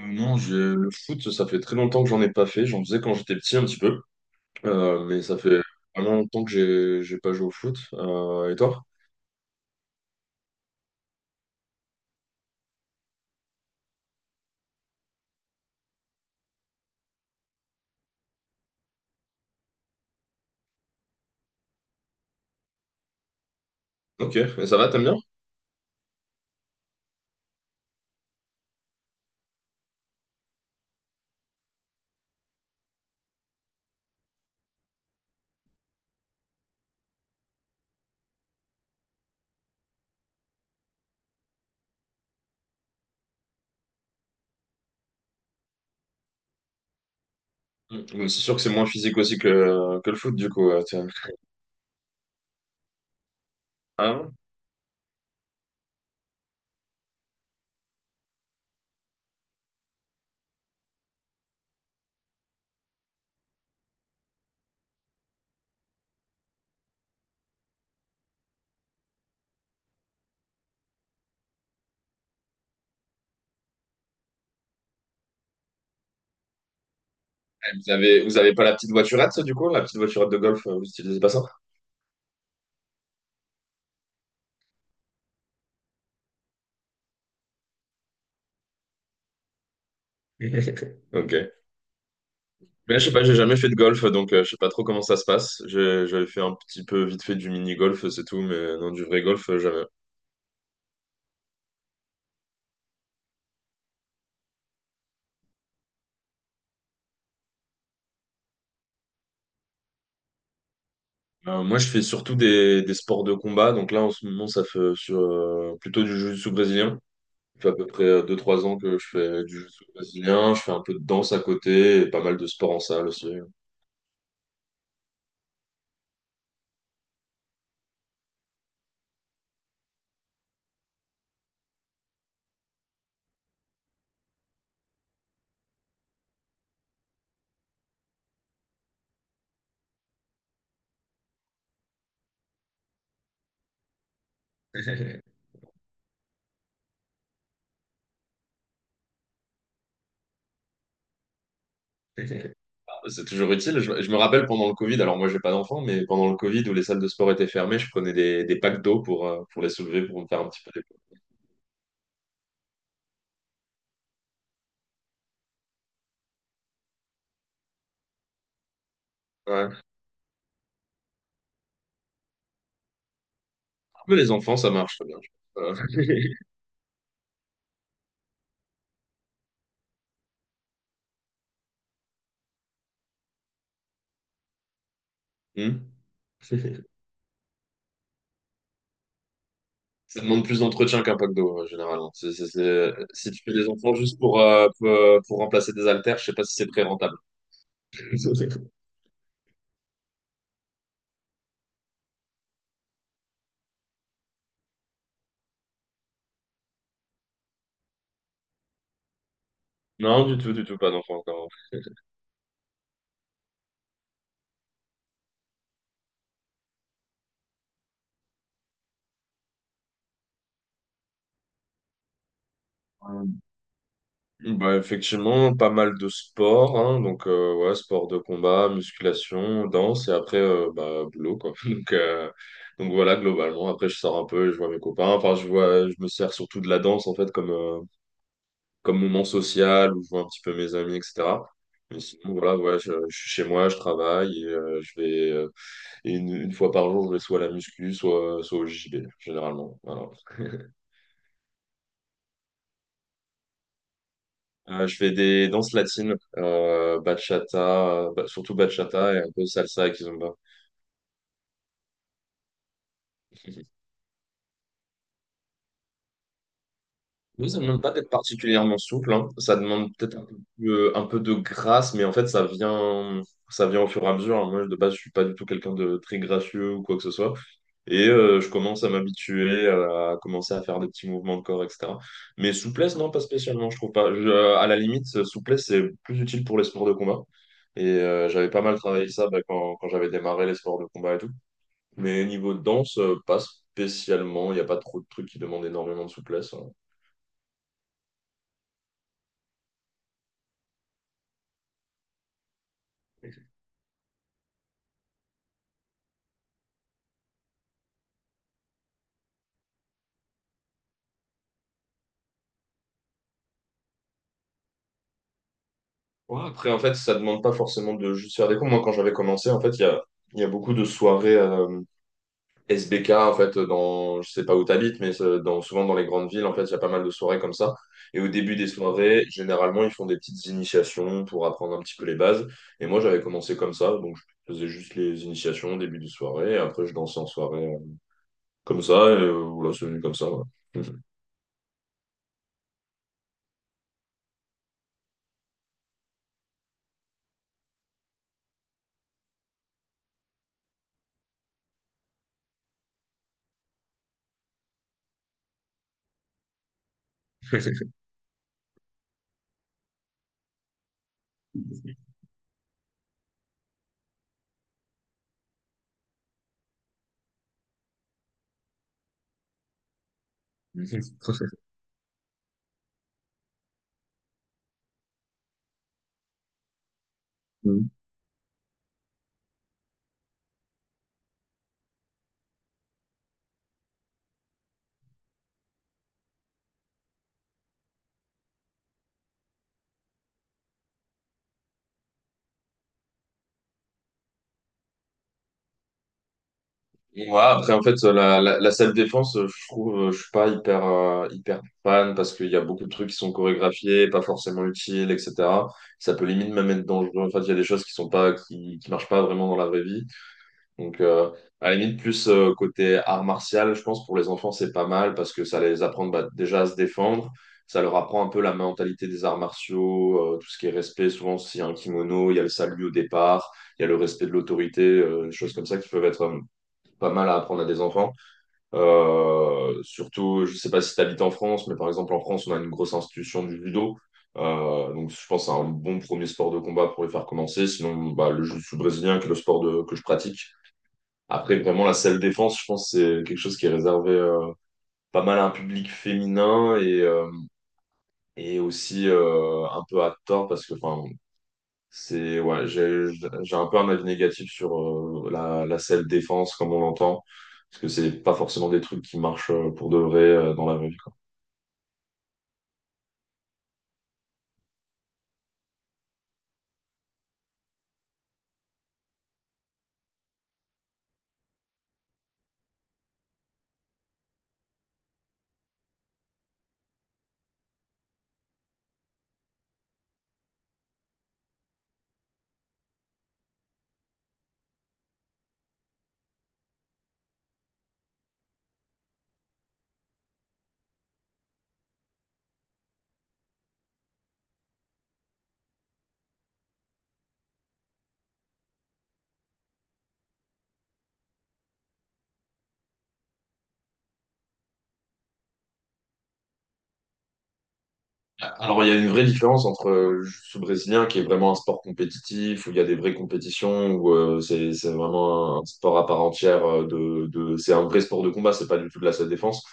Non, je- le foot, ça fait très longtemps que j'en ai pas fait. J'en faisais quand j'étais petit un petit peu. Mais ça fait vraiment longtemps que j'ai pas joué au foot. Et toi? Ok, mais ça va, t'aimes bien? Mm. Mais c'est sûr que c'est moins physique aussi que le foot, du coup. Tiens. Ah, ouais. Et vous avez pas la petite voiturette, du coup? La petite voiturette de golf, vous utilisez pas ça? Ok. Mais je sais pas, j'ai jamais fait de golf, donc je sais pas trop comment ça se passe. J'ai- J'avais fait un petit peu vite fait du mini-golf, c'est tout, mais non, du vrai golf, jamais. Moi, je fais surtout des sports de combat. Donc là, en ce moment, ça fait sur, plutôt du jiu-jitsu brésilien. Ça fait à peu près deux trois ans que je fais du jiu-jitsu brésilien. Je fais un peu de danse à côté et pas mal de sport en salle aussi. C'est toujours utile. Je me rappelle pendant le Covid, alors moi, j'ai pas d'enfant, mais pendant le Covid où les salles de sport étaient fermées, je prenais des packs d'eau pour les soulever, pour me faire un petit peu des... Ouais. Mais les enfants, ça marche très bien, je pense. Hmm. Ça demande plus d'entretien qu'un pack d'eau, généralement. Si tu fais des enfants juste pour remplacer des haltères, je sais pas si c'est très rentable. Non, du tout, pas d'enfants encore. Euh, Bah, effectivement, pas mal de sports, hein, donc ouais, sport de combat, musculation, danse, et après, bah, boulot, quoi. Donc, euh, donc voilà, globalement, après, je sors un peu, et je vois mes copains, enfin, je vois, je me sers surtout de la danse, en fait, comme, comme moment social où je vois un petit peu mes amis, etc. Mais sinon, voilà, ouais, je suis chez moi, je travaille et je vais et une fois par jour, je vais soit à la muscu, soit, soit au JB, généralement. Voilà. Je fais des danses latines, bachata, surtout bachata et un peu salsa et kizomba. Oui, ça ne demande pas d'être particulièrement souple, hein. Ça demande peut-être un peu de grâce, mais en fait, ça vient au fur et à mesure, hein. Moi, de base, je suis pas du tout quelqu'un de très gracieux ou quoi que ce soit. Et je commence à m'habituer, à commencer à faire des petits mouvements de corps, etc. Mais souplesse, non, pas spécialement, je trouve pas. Je- à la limite, souplesse, c'est plus utile pour les sports de combat. Et j'avais pas mal travaillé ça, bah, quand, quand j'avais démarré les sports de combat et tout. Mais niveau danse, pas spécialement. Il n'y a pas trop de trucs qui demandent énormément de souplesse, hein. Ouais, après, en fait, ça demande pas forcément de juste faire des cours. Moi, quand j'avais commencé, en fait, il y a beaucoup de soirées. SBK, en fait, dans, je sais pas où t'habites, mais dans, souvent dans les grandes villes, en fait, il y a pas mal de soirées comme ça. Et au début des soirées, généralement, ils font des petites initiations pour apprendre un petit peu les bases. Et moi, j'avais commencé comme ça, donc je faisais juste les initiations au début de soirée, et après, je dansais en soirée comme ça, et voilà, c'est venu comme ça, ouais. Trop chouette. Et voilà, après, en fait, la salle défense, je trouve, je suis pas hyper, hyper fan parce qu'il y a beaucoup de trucs qui sont chorégraphiés, pas forcément utiles, etc. Ça peut limite même être dangereux. En fait, il y a des choses qui sont pas, qui marchent pas vraiment dans la vraie vie. Donc, à la limite, plus côté art martial, je pense, pour les enfants, c'est pas mal parce que ça les apprend, bah, déjà à se défendre. Ça leur apprend un peu la mentalité des arts martiaux, tout ce qui est respect. Souvent, s'il y a un kimono, il y a le salut au départ, il y a le respect de l'autorité, des choses comme ça qui peuvent être, pas mal à apprendre à des enfants. Surtout, je sais pas si tu habites en France, mais par exemple en France, on a une grosse institution du judo. Donc je pense que c'est un bon premier sport de combat pour les faire commencer. Sinon, bah, le jiu-jitsu brésilien, qui est le sport de- que je pratique. Après, vraiment, la self-défense, je pense que c'est quelque chose qui est réservé pas mal à un public féminin et aussi un peu à tort parce que, enfin, c'est ouais, j'ai un peu un avis négatif sur la, la selle défense comme on l'entend, parce que c'est pas forcément des trucs qui marchent pour de vrai dans la vraie vie, quoi. Alors il y a une vraie différence entre le jiu-jitsu brésilien qui est vraiment un sport compétitif où il y a des vraies compétitions où c'est vraiment un sport à part entière de c'est un vrai sport de combat, c'est pas du tout de la selle défense.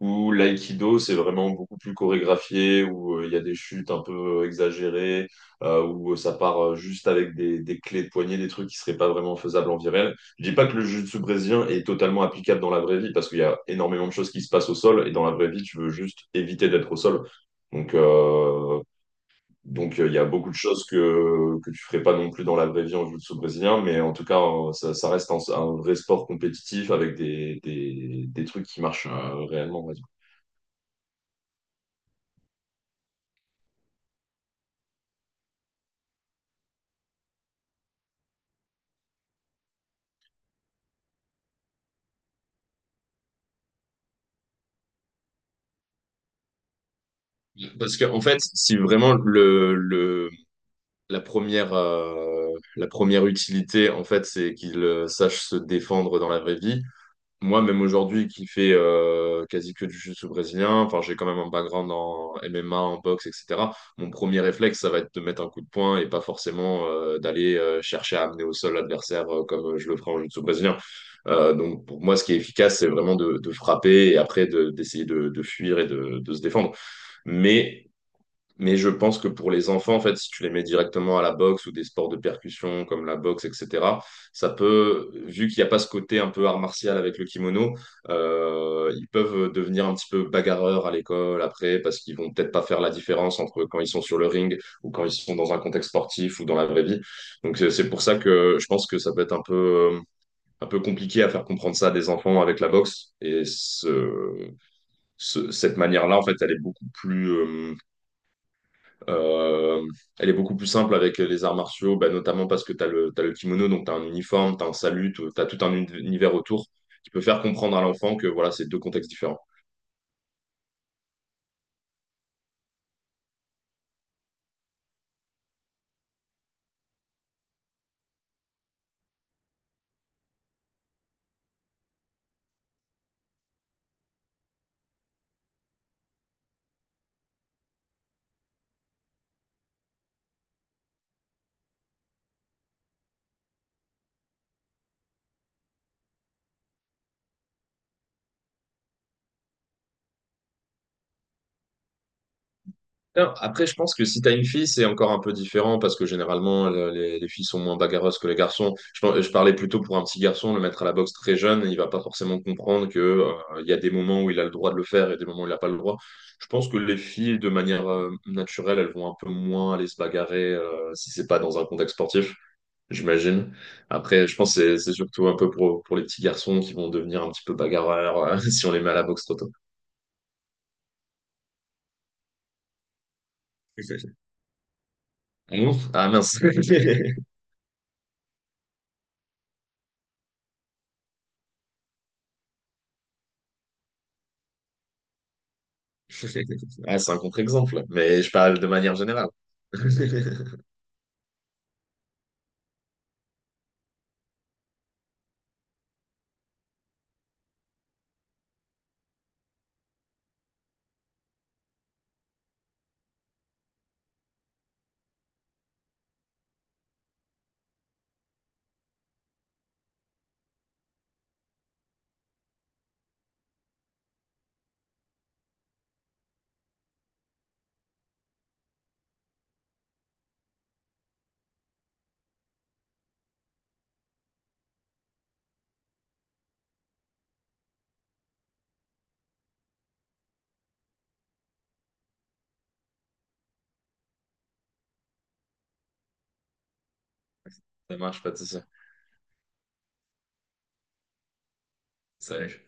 Ou l'aïkido, c'est vraiment beaucoup plus chorégraphié, où il y a des chutes un peu exagérées, où ça part juste avec des clés de poignet, des trucs qui seraient pas vraiment faisables en vie réelle. Je dis pas que le jiu-jitsu brésilien est totalement applicable dans la vraie vie, parce qu'il y a énormément de choses qui se passent au sol, et dans la vraie vie, tu veux juste éviter d'être au sol. Donc, il y a beaucoup de choses que tu ferais pas non plus dans la vraie vie en jiu-jitsu brésilien, mais en tout cas, ça, ça reste un vrai sport compétitif avec des trucs qui marchent réellement, ouais. Parce que, en fait, si vraiment le, la première, euh, la première utilité, en fait, c'est qu'il sache se défendre dans la vraie vie. Moi, même aujourd'hui, qui fait quasi que du jiu-jitsu brésilien, enfin, j'ai quand même un background en MMA, en boxe, etc. Mon premier réflexe, ça va être de mettre un coup de poing et pas forcément d'aller chercher à amener au sol l'adversaire comme je le ferai en jiu-jitsu brésilien. Donc, pour moi, ce qui est efficace, c'est vraiment de frapper et après de- d'essayer de fuir et de se défendre. Mais mais je pense que pour les enfants, en fait, si tu les mets directement à la boxe ou des sports de percussion comme la boxe, etc., ça peut, vu qu'il n'y a pas ce côté un peu art martial avec le kimono, ils peuvent devenir un petit peu bagarreurs à l'école après parce qu'ils vont peut-être pas faire la différence entre quand ils sont sur le ring ou quand ils sont dans un contexte sportif ou dans la vraie vie. Donc c'est pour ça que je pense que ça peut être euh, un peu compliqué à faire comprendre ça à des enfants avec la boxe et ce- cette manière-là, en fait, elle est beaucoup plus euh, elle est beaucoup plus simple avec les arts martiaux, bah, notamment parce que tu as le, t'as le kimono, donc tu as un uniforme, tu as un salut, tu as tout un univers autour qui peut faire comprendre à l'enfant que voilà, c'est deux contextes différents. Alors, après, je pense que si tu as une fille, c'est encore un peu différent parce que généralement, le- les filles sont moins bagarreuses que les garçons. Je, par- je parlais plutôt pour un petit garçon, le mettre à la boxe très jeune, il va pas forcément comprendre que, il y a des moments où il a le droit de le faire et des moments où il n'a pas le droit. Je pense que les filles, de manière naturelle, elles vont un peu moins aller se bagarrer si c'est pas dans un contexte sportif, j'imagine. Après, je pense que c'est surtout un peu pour les petits garçons qui vont devenir un petit peu bagarreurs si on les met à la boxe trop tôt. Ah non? Ah mince. Ah, c'est un contre-exemple, mais je parle de manière générale. Ça marche pas, tout ça. Salut.